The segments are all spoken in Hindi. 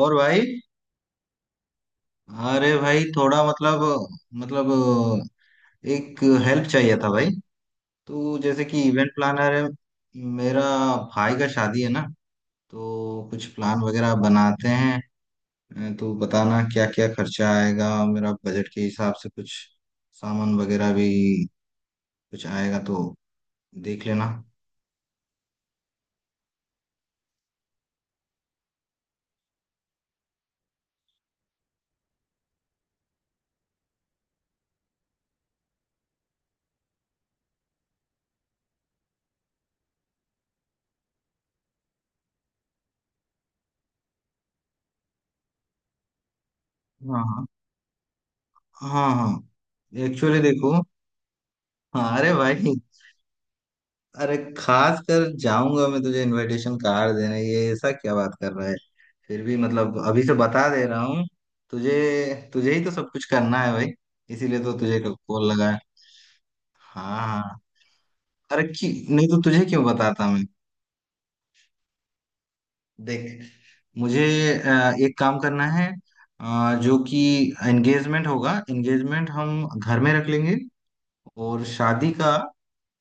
और भाई। अरे भाई, थोड़ा मतलब एक हेल्प चाहिए था भाई। तो जैसे कि इवेंट प्लानर है मेरा, भाई का शादी है ना? तो कुछ प्लान वगैरह बनाते हैं, तो बताना क्या क्या खर्चा आएगा मेरा बजट के हिसाब से। कुछ सामान वगैरह भी कुछ आएगा तो देख लेना। हाँ हाँ हाँ हाँ। एक्चुअली देखो, हाँ अरे भाई, अरे खास कर जाऊंगा मैं तुझे इनविटेशन कार्ड देने, ये ऐसा क्या बात कर रहा है? फिर भी मतलब अभी से बता दे रहा हूँ तुझे, तुझे ही तो सब कुछ करना है भाई, इसीलिए तो तुझे कॉल लगा है। हाँ हाँ। अरे क्यों, नहीं तो तुझे क्यों बताता मैं? देख मुझे एक काम करना है, जो कि एंगेजमेंट होगा, एंगेजमेंट हम घर में रख लेंगे। और शादी का,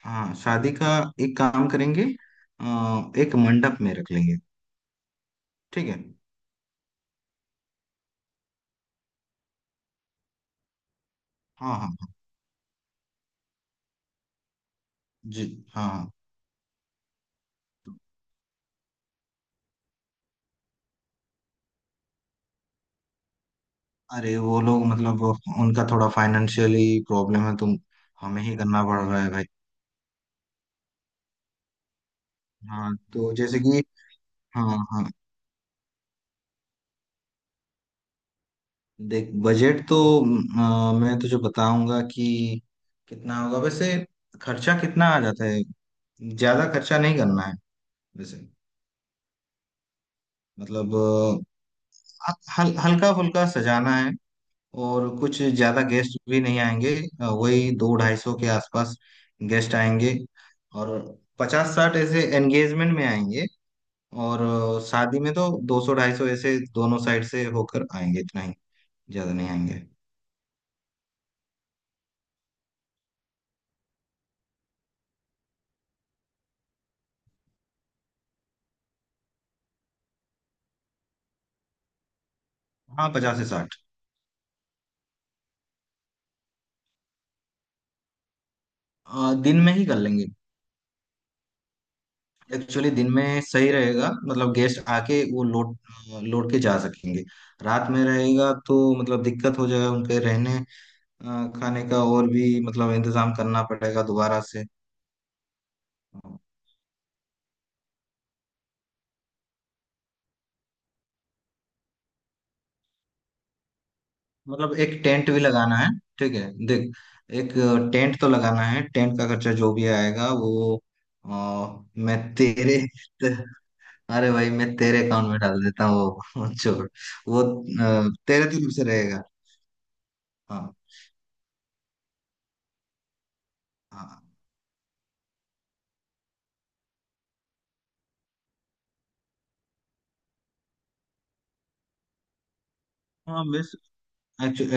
हाँ शादी का एक काम करेंगे, एक मंडप में रख लेंगे। ठीक है। हाँ हाँ हाँ, जी हाँ हाँ। अरे वो लोग मतलब उनका थोड़ा फाइनेंशियली प्रॉब्लम है, तो हमें ही करना पड़ रहा है भाई। हाँ तो जैसे कि, हाँ हाँ, देख बजट तो मैं तुझे बताऊंगा कि कितना होगा, वैसे खर्चा कितना आ जाता है। ज्यादा खर्चा नहीं करना है वैसे। मतलब हल्का फुल्का सजाना है और कुछ ज्यादा गेस्ट भी नहीं आएंगे। वही 200-250 के आसपास गेस्ट आएंगे, और 50-60 ऐसे एंगेजमेंट में आएंगे, और शादी में तो 200-250 ऐसे दोनों साइड से होकर आएंगे, इतना ही, ज्यादा नहीं आएंगे। हाँ 50 से 60। दिन में ही कर लेंगे। एक्चुअली दिन में सही रहेगा, मतलब गेस्ट आके वो लोड के जा सकेंगे। रात में रहेगा तो मतलब दिक्कत हो जाएगा, उनके रहने खाने का और भी मतलब इंतजाम करना पड़ेगा दोबारा से। मतलब एक टेंट भी लगाना है। ठीक है देख, एक टेंट तो लगाना है, टेंट का खर्चा जो भी आएगा वो अ, मैं तेरे अरे भाई मैं तेरे अकाउंट में डाल देता हूँ। वो छोड़, वो तेरे तरफ से रहेगा। हाँ हाँ हाँ। मैं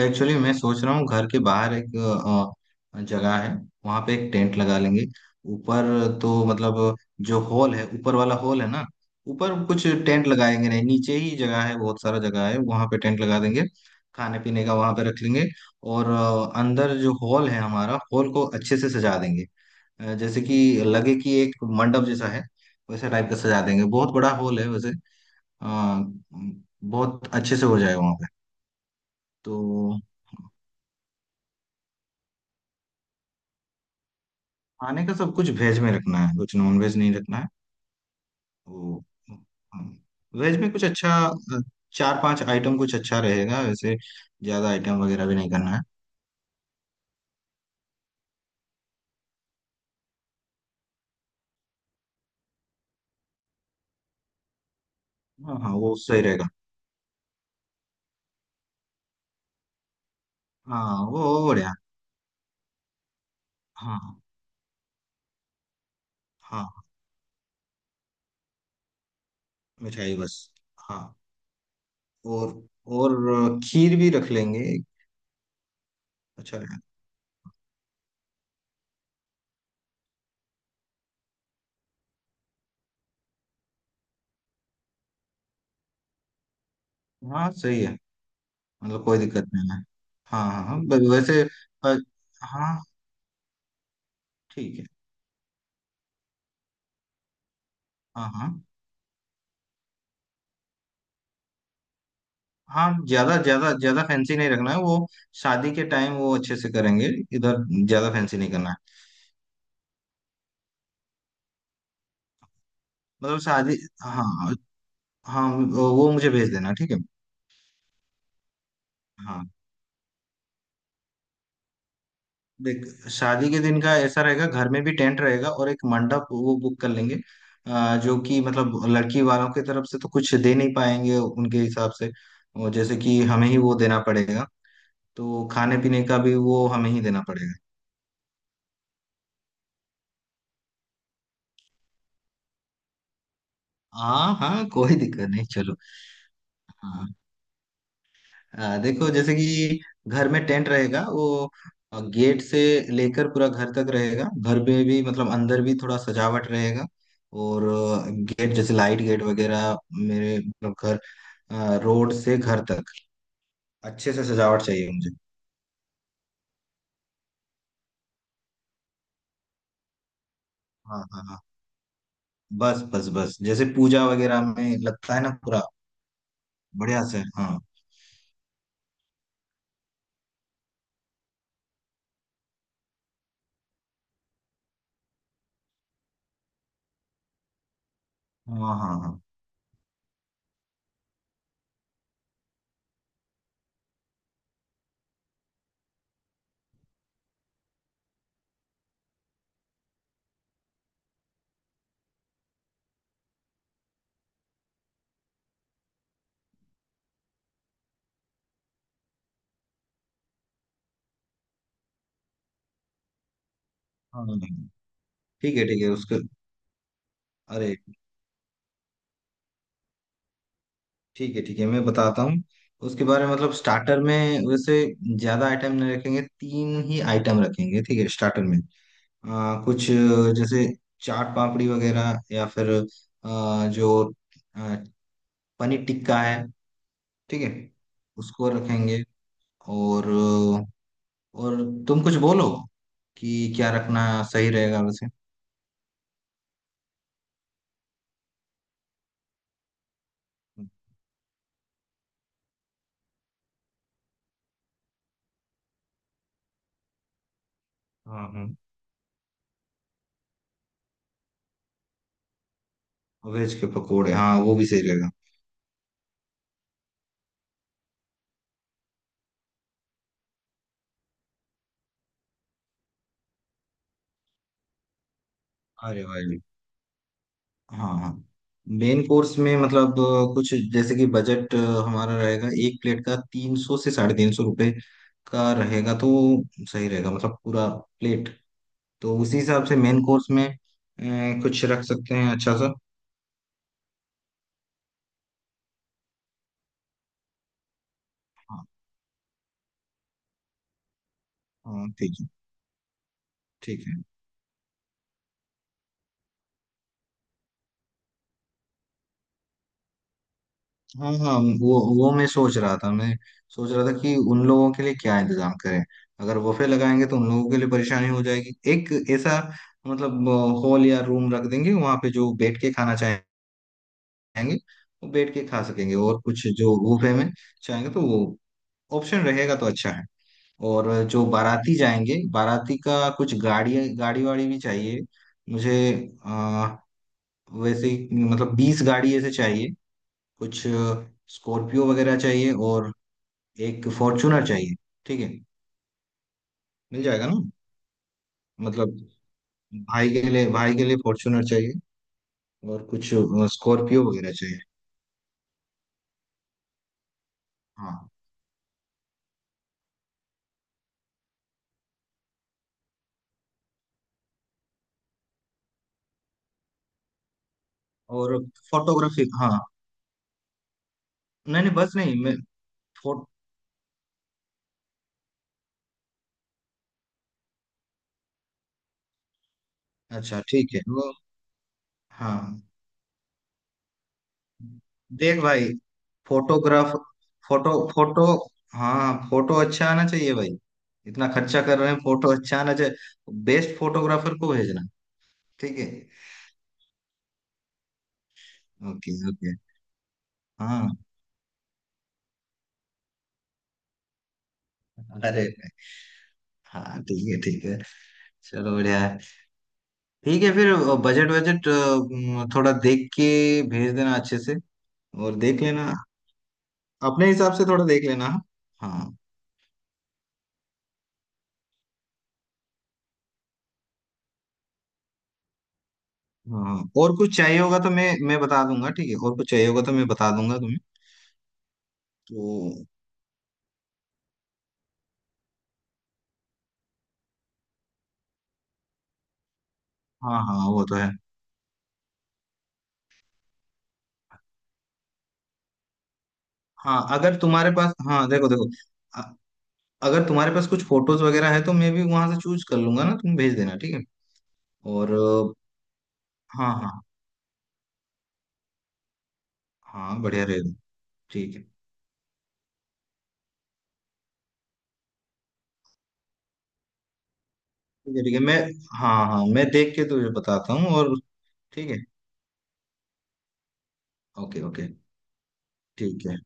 एक्चुअली मैं सोच रहा हूँ घर के बाहर एक जगह है, वहां पे एक टेंट लगा लेंगे ऊपर। तो मतलब जो हॉल है, ऊपर वाला हॉल है ना, ऊपर कुछ टेंट लगाएंगे नहीं, नीचे ही जगह है, बहुत सारा जगह है, वहां पे टेंट लगा देंगे, खाने पीने का वहां पे रख लेंगे। और अंदर जो हॉल है, हमारा हॉल को अच्छे से सजा देंगे, जैसे कि लगे कि एक मंडप जैसा है, वैसा टाइप का सजा देंगे। बहुत बड़ा हॉल है वैसे, अ, बहुत अच्छे से हो जाएगा वहां पे। तो खाने का सब कुछ वेज में रखना है, कुछ नॉन वेज नहीं रखना है वो। वेज में कुछ अच्छा, चार पांच आइटम कुछ अच्छा रहेगा वैसे, ज्यादा आइटम वगैरह भी नहीं करना है। हाँ हाँ वो सही रहेगा। हाँ वो बढ़िया। हाँ हाँ हाँ, मिठाई बस। हाँ, और और खीर भी रख लेंगे, अच्छा रहेगा। हाँ सही है, मतलब कोई दिक्कत नहीं है। हाँ हाँ हाँ, वैसे अ, हाँ ठीक है। हाँ हाँ हाँ, ज्यादा ज्यादा ज्यादा फैंसी नहीं रखना है वो, शादी के टाइम वो अच्छे से करेंगे। इधर ज्यादा फैंसी नहीं करना है। मतलब शादी, हाँ हाँ, वो मुझे भेज देना ठीक है। हाँ देख, शादी के दिन का ऐसा रहेगा, घर में भी टेंट रहेगा और एक मंडप वो बुक कर लेंगे। जो कि मतलब लड़की वालों की तरफ से तो कुछ दे नहीं पाएंगे उनके हिसाब से, वो जैसे कि हमें ही वो देना पड़ेगा। तो खाने पीने का भी वो हमें ही देना पड़ेगा। हाँ हाँ, कोई दिक्कत नहीं, चलो। हाँ हाँ देखो, जैसे कि घर में टेंट रहेगा, वो गेट से लेकर पूरा घर तक रहेगा। घर पे भी मतलब अंदर भी थोड़ा सजावट रहेगा, और गेट जैसे लाइट गेट वगैरह, मेरे मतलब घर, रोड से घर तक अच्छे से सजावट चाहिए मुझे। हाँ हाँ हाँ, बस बस बस जैसे पूजा वगैरह में लगता है ना पूरा, बढ़िया से, हाँ। हाँ हाँ हाँ हाँ हाँ, हाँ। ठीक है उसके, अरे ठीक है मैं बताता हूँ उसके बारे में। मतलब स्टार्टर में वैसे ज्यादा आइटम नहीं रखेंगे, तीन ही आइटम रखेंगे ठीक है स्टार्टर में। कुछ जैसे चाट पापड़ी वगैरह, या फिर जो अ, पनीर टिक्का है, ठीक है उसको रखेंगे। और अ, और तुम कुछ बोलो कि क्या रखना सही रहेगा वैसे। हाँ हाँ, वेज के पकोड़े, हाँ वो भी सही रहेगा। अरे भाई, हाँ हाँ, मेन कोर्स में मतलब कुछ, जैसे कि बजट हमारा रहेगा एक प्लेट का 300 से 350 रुपये का रहेगा, तो सही रहेगा मतलब पूरा प्लेट। तो उसी हिसाब से मेन कोर्स में कुछ रख सकते हैं अच्छा सा। हाँ हाँ, ठीक है ठीक है। हाँ हाँ, वो मैं सोच रहा था कि उन लोगों के लिए क्या इंतजाम करें। अगर वफे लगाएंगे तो उन लोगों के लिए परेशानी हो जाएगी, एक ऐसा मतलब हॉल या रूम रख देंगे वहां पे, जो बैठ के खाना चाहे खाएंगे, वो बैठ के खा सकेंगे, और कुछ जो बुफे में चाहेंगे तो वो ऑप्शन रहेगा, तो अच्छा है। और जो बाराती जाएंगे, बाराती का कुछ गाड़ी गाड़ी वाड़ी भी चाहिए मुझे। आ, वैसे ही मतलब 20 गाड़ी ऐसे चाहिए, कुछ स्कॉर्पियो वगैरह चाहिए, और एक फॉर्चूनर चाहिए। ठीक है, मिल जाएगा ना? मतलब भाई के लिए, भाई के लिए फॉर्चूनर चाहिए, और कुछ स्कॉर्पियो वगैरह चाहिए। हाँ, और फोटोग्राफी, हाँ नहीं नहीं बस नहीं मैं, अच्छा ठीक है वो। हाँ देख भाई, फोटोग्राफ फोटो फोटो, हाँ फोटो अच्छा आना चाहिए भाई, इतना खर्चा कर रहे हैं, फोटो अच्छा आना चाहिए। बेस्ट फोटोग्राफर को भेजना। ठीक है, ओके ओके। हाँ, अरे हाँ ठीक है ठीक है, चलो बढ़िया है। ठीक है फिर, बजट बजट थोड़ा देख के भेज देना अच्छे से, और देख लेना, अपने हिसाब से थोड़ा देख लेना। हाँ हाँ। हाँ, और कुछ चाहिए होगा तो मैं बता दूंगा ठीक है, और कुछ चाहिए होगा तो मैं बता दूंगा तुम्हें। तो हाँ हाँ वो तो है। हाँ अगर तुम्हारे पास, हाँ देखो देखो, अ- अगर तुम्हारे पास कुछ फोटोज वगैरह है तो मैं भी वहां से चूज कर लूंगा ना, तुम भेज देना ठीक है। और हाँ हाँ हाँ बढ़िया रहेगा, ठीक है ठीक है। ठीक है मैं, हाँ हाँ मैं देख के तुझे बताता हूँ। और ठीक है, ओके ओके, ठीक है।